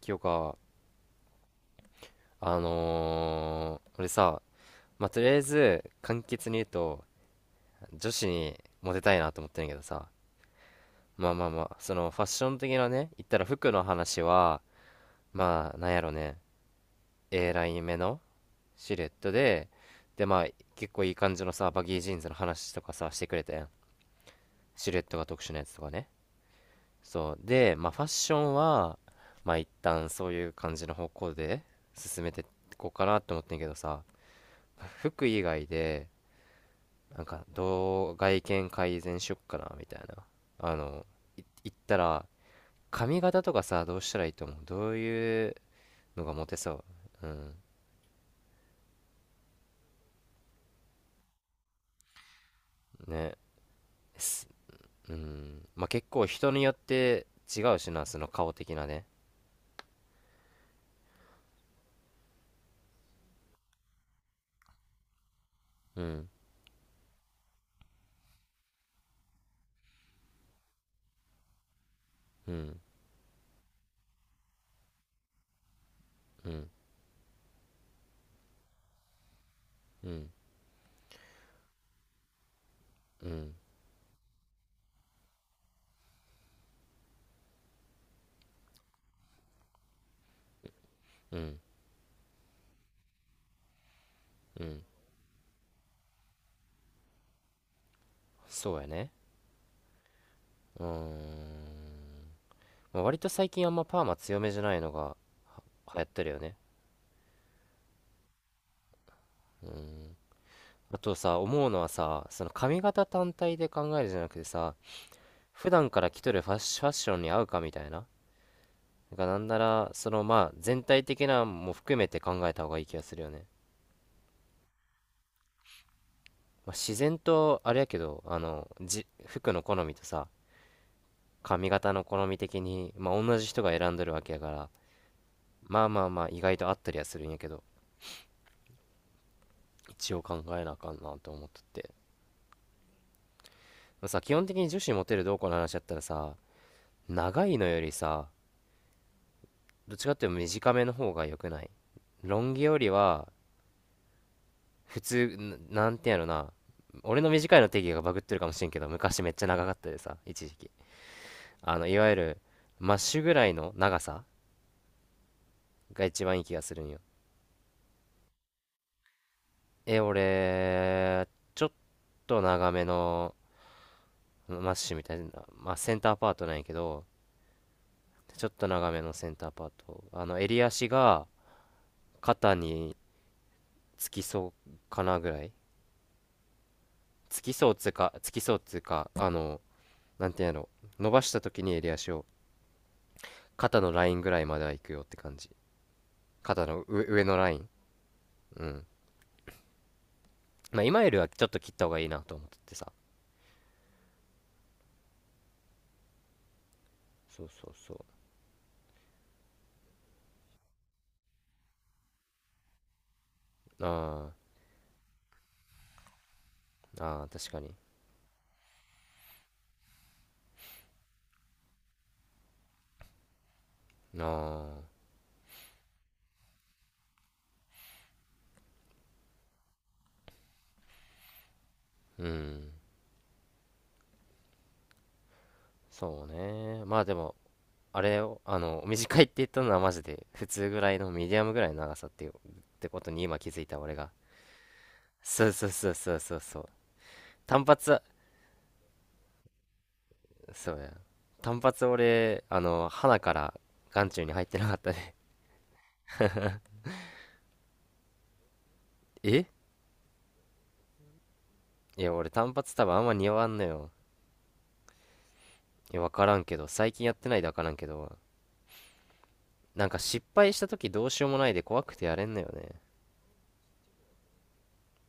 清か。俺さ、まあ、とりあえず簡潔に言うと、女子にモテたいなと思ってるんやけどさ、まあまあまあ、そのファッション的なね、言ったら服の話は、まあなんやろね、 A ライン目のシルエットで、でまあ結構いい感じのさ、バギージーンズの話とかさしてくれたやん。シルエットが特殊なやつとかね。そうで、まあファッションは、まあ一旦そういう感じの方向で進めていこうかなと思ってんけどさ、服以外でなんかどう外見改善しよっかなみたいな。あのい言ったら、髪型とかさ、どうしたらいいと思う？どういうのがモテそう？うん、ね、すうん、まあ結構人によって違うしな、その顔的なね。うん。うん。うん。うん。うん。うん。うん。そうやね。うーん、まあ、割と最近あんまパーマ強めじゃないのが流行ってるよね。うん。あとさ、思うのはさ、その髪型単体で考えるじゃなくてさ、普段から着とるファッションに合うかみたいな。がなんなら、そのまあ全体的なも含めて考えた方がいい気がするよね。まあ、自然とあれやけど、あの、服の好みとさ、髪型の好み的に、まあ同じ人が選んどるわけやから、まあまあまあ意外と合ったりはするんやけど、一応考えなあかんなと思っとって。まあ、さ、基本的に女子モテるどうこうの話だったらさ、長いのよりさ、どっちかっていうと短めの方が良くない？ロン毛よりは普通、なんてやろな、俺の短いの定義がバグってるかもしれんけど、昔めっちゃ長かったでさ、一時期あのいわゆるマッシュぐらいの長さが一番いい気がするんよ。え、俺、ちょっと長めのマッシュみたいな、まあ、センターパートなんやけど、ちょっと長めのセンターパート、あの襟足が肩につきそうかなぐらい。つきそうつうか、あの、なんてやろ、伸ばした時に襟足を肩のラインぐらいまでは行くよって感じ。肩の上のライン。うん。まあ今よりはちょっと切った方がいいなと思っててさ。そうそうそう。あー、あー、あ、確かに。ああ。うん。そうね。まあでも、あれを、あの、短いって言ったのはマジで普通ぐらいのミディアムぐらいの長さっていう、ってことに今気づいた俺が。そうそうそうそうそうそう。単発は、そうや。単発俺、あの、鼻から眼中に入ってなかったね。え、いや、俺単発多分あんま似合わんのよ。いや、わからんけど、最近やってないでわからんけど、なんか失敗した時どうしようもないで怖くてやれんのよね。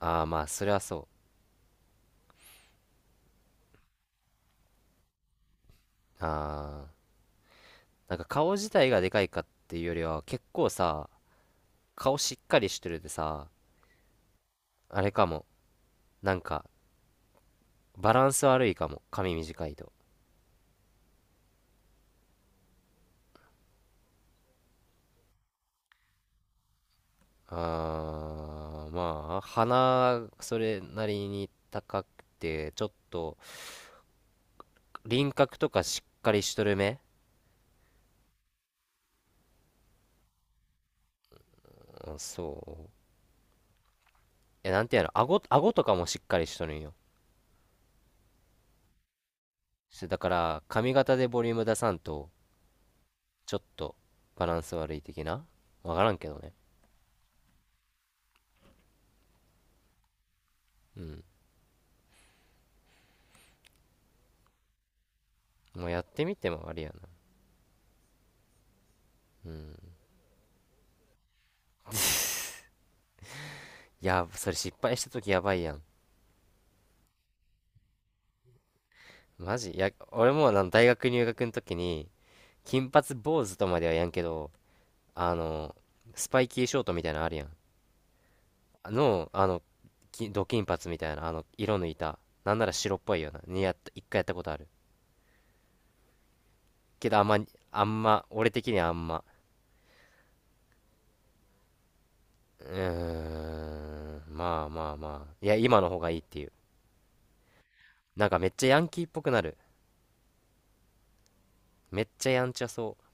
ああ、まあ、それはそう。ああ、なんか顔自体がでかいかっていうよりは、結構さ、顔しっかりしてるでさ、あれかも、なんか、バランス悪いかも、髪短いと。ああ、まあ、鼻、それなりに高くて、ちょっと、輪郭とかしっかりしとる目。うん、そう。え、なんていうの、顎とかもしっかりしとるんよ。そうだから、髪型でボリューム出さんと、ちょっとバランス悪い的な、わからんけどね。うん。もうやってみてもありやな。うん。いや、それ失敗した時やばいやん。マジ、いや、俺もあの大学入学の時に、金髪坊主とまではやんけど、あの、スパイキーショートみたいなのあるやん。あの、金髪みたいな、あの、色抜いた。なんなら白っぽいような。にやった、一回やったことある。けどあんま、俺的にはあんま、うーん、まあまあまあ、いや、今の方がいいっていう。なんかめっちゃヤンキーっぽくなる。めっちゃやんちゃそう。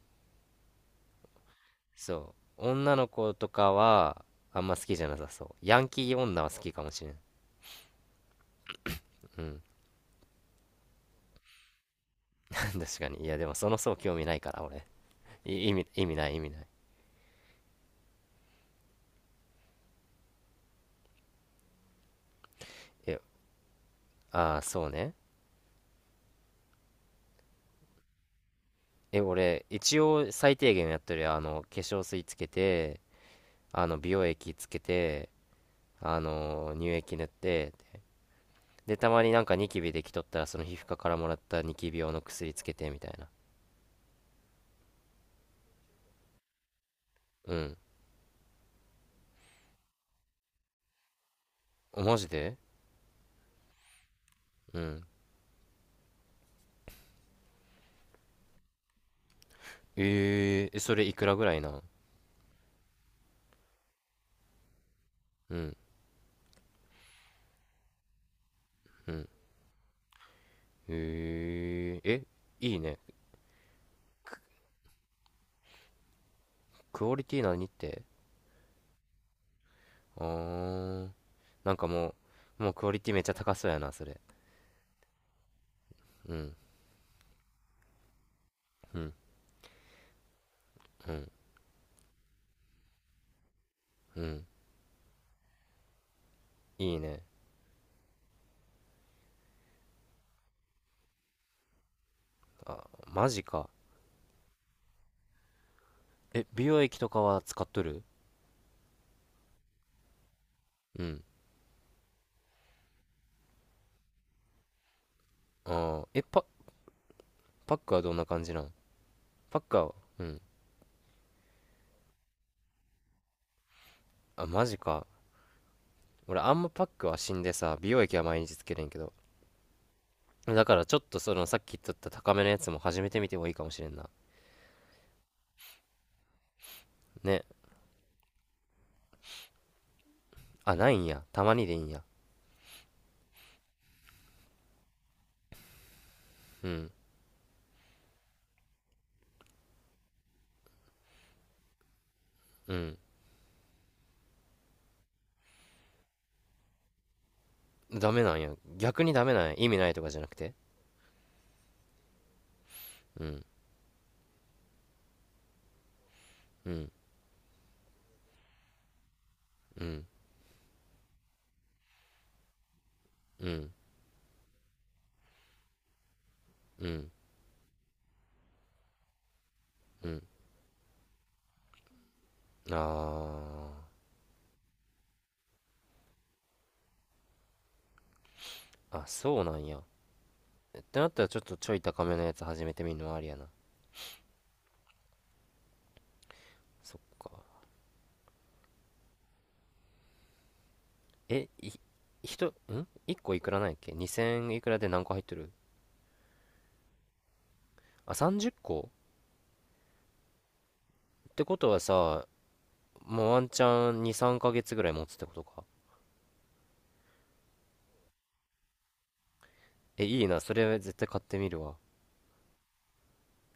そう。女の子とかは、あんま好きじゃなさそう。ヤンキー女は好きかもしれん。うん。確かに。いや、でもその層興味ないから、俺。意味ない、意味ない。え、ああ、そうね。え、俺、一応最低限やってるよ。あの、化粧水つけて、あの、美容液つけて、あの、乳液塗って、でたまになんかニキビできとったらその皮膚科からもらったニキビ用の薬つけて、みたいな。うん。あ、マジで？うん。え、それいくらぐらいなん？うん。うん。え、いいね。クオリティ何って？あー、なんかもうクオリティめっちゃ高そうやな、それ。うん。うん。うん。うん。いいね。あ、マジか。え、美容液とかは使っとる？うん。あー、え、パックはどんな感じなん？パックは？うん。あ、マジか。俺あんまパックは死んでさ、美容液は毎日つけるんけど、だからちょっとそのさっき言っとった高めのやつも始めてみてもいいかもしれんな。ね。あ、ないんや？たまにでいいんや。うん。うん。ダメなんや？逆にダメなんや？意味ないとかじゃなくて？うん。うん。うん。うん。うん。うん。あー、あ、そうなんや？ってなったら、ちょっとちょい高めのやつ始めてみるのもありやな。そっか。え、い、人、ん ?1 個いくらなんやっけ ?2000 いくらで何個入ってる？あ、30個？っこってことはさ、もうワンチャン2、3ヶ月ぐらい持つってことか。え、いいな。それ絶対買ってみるわ。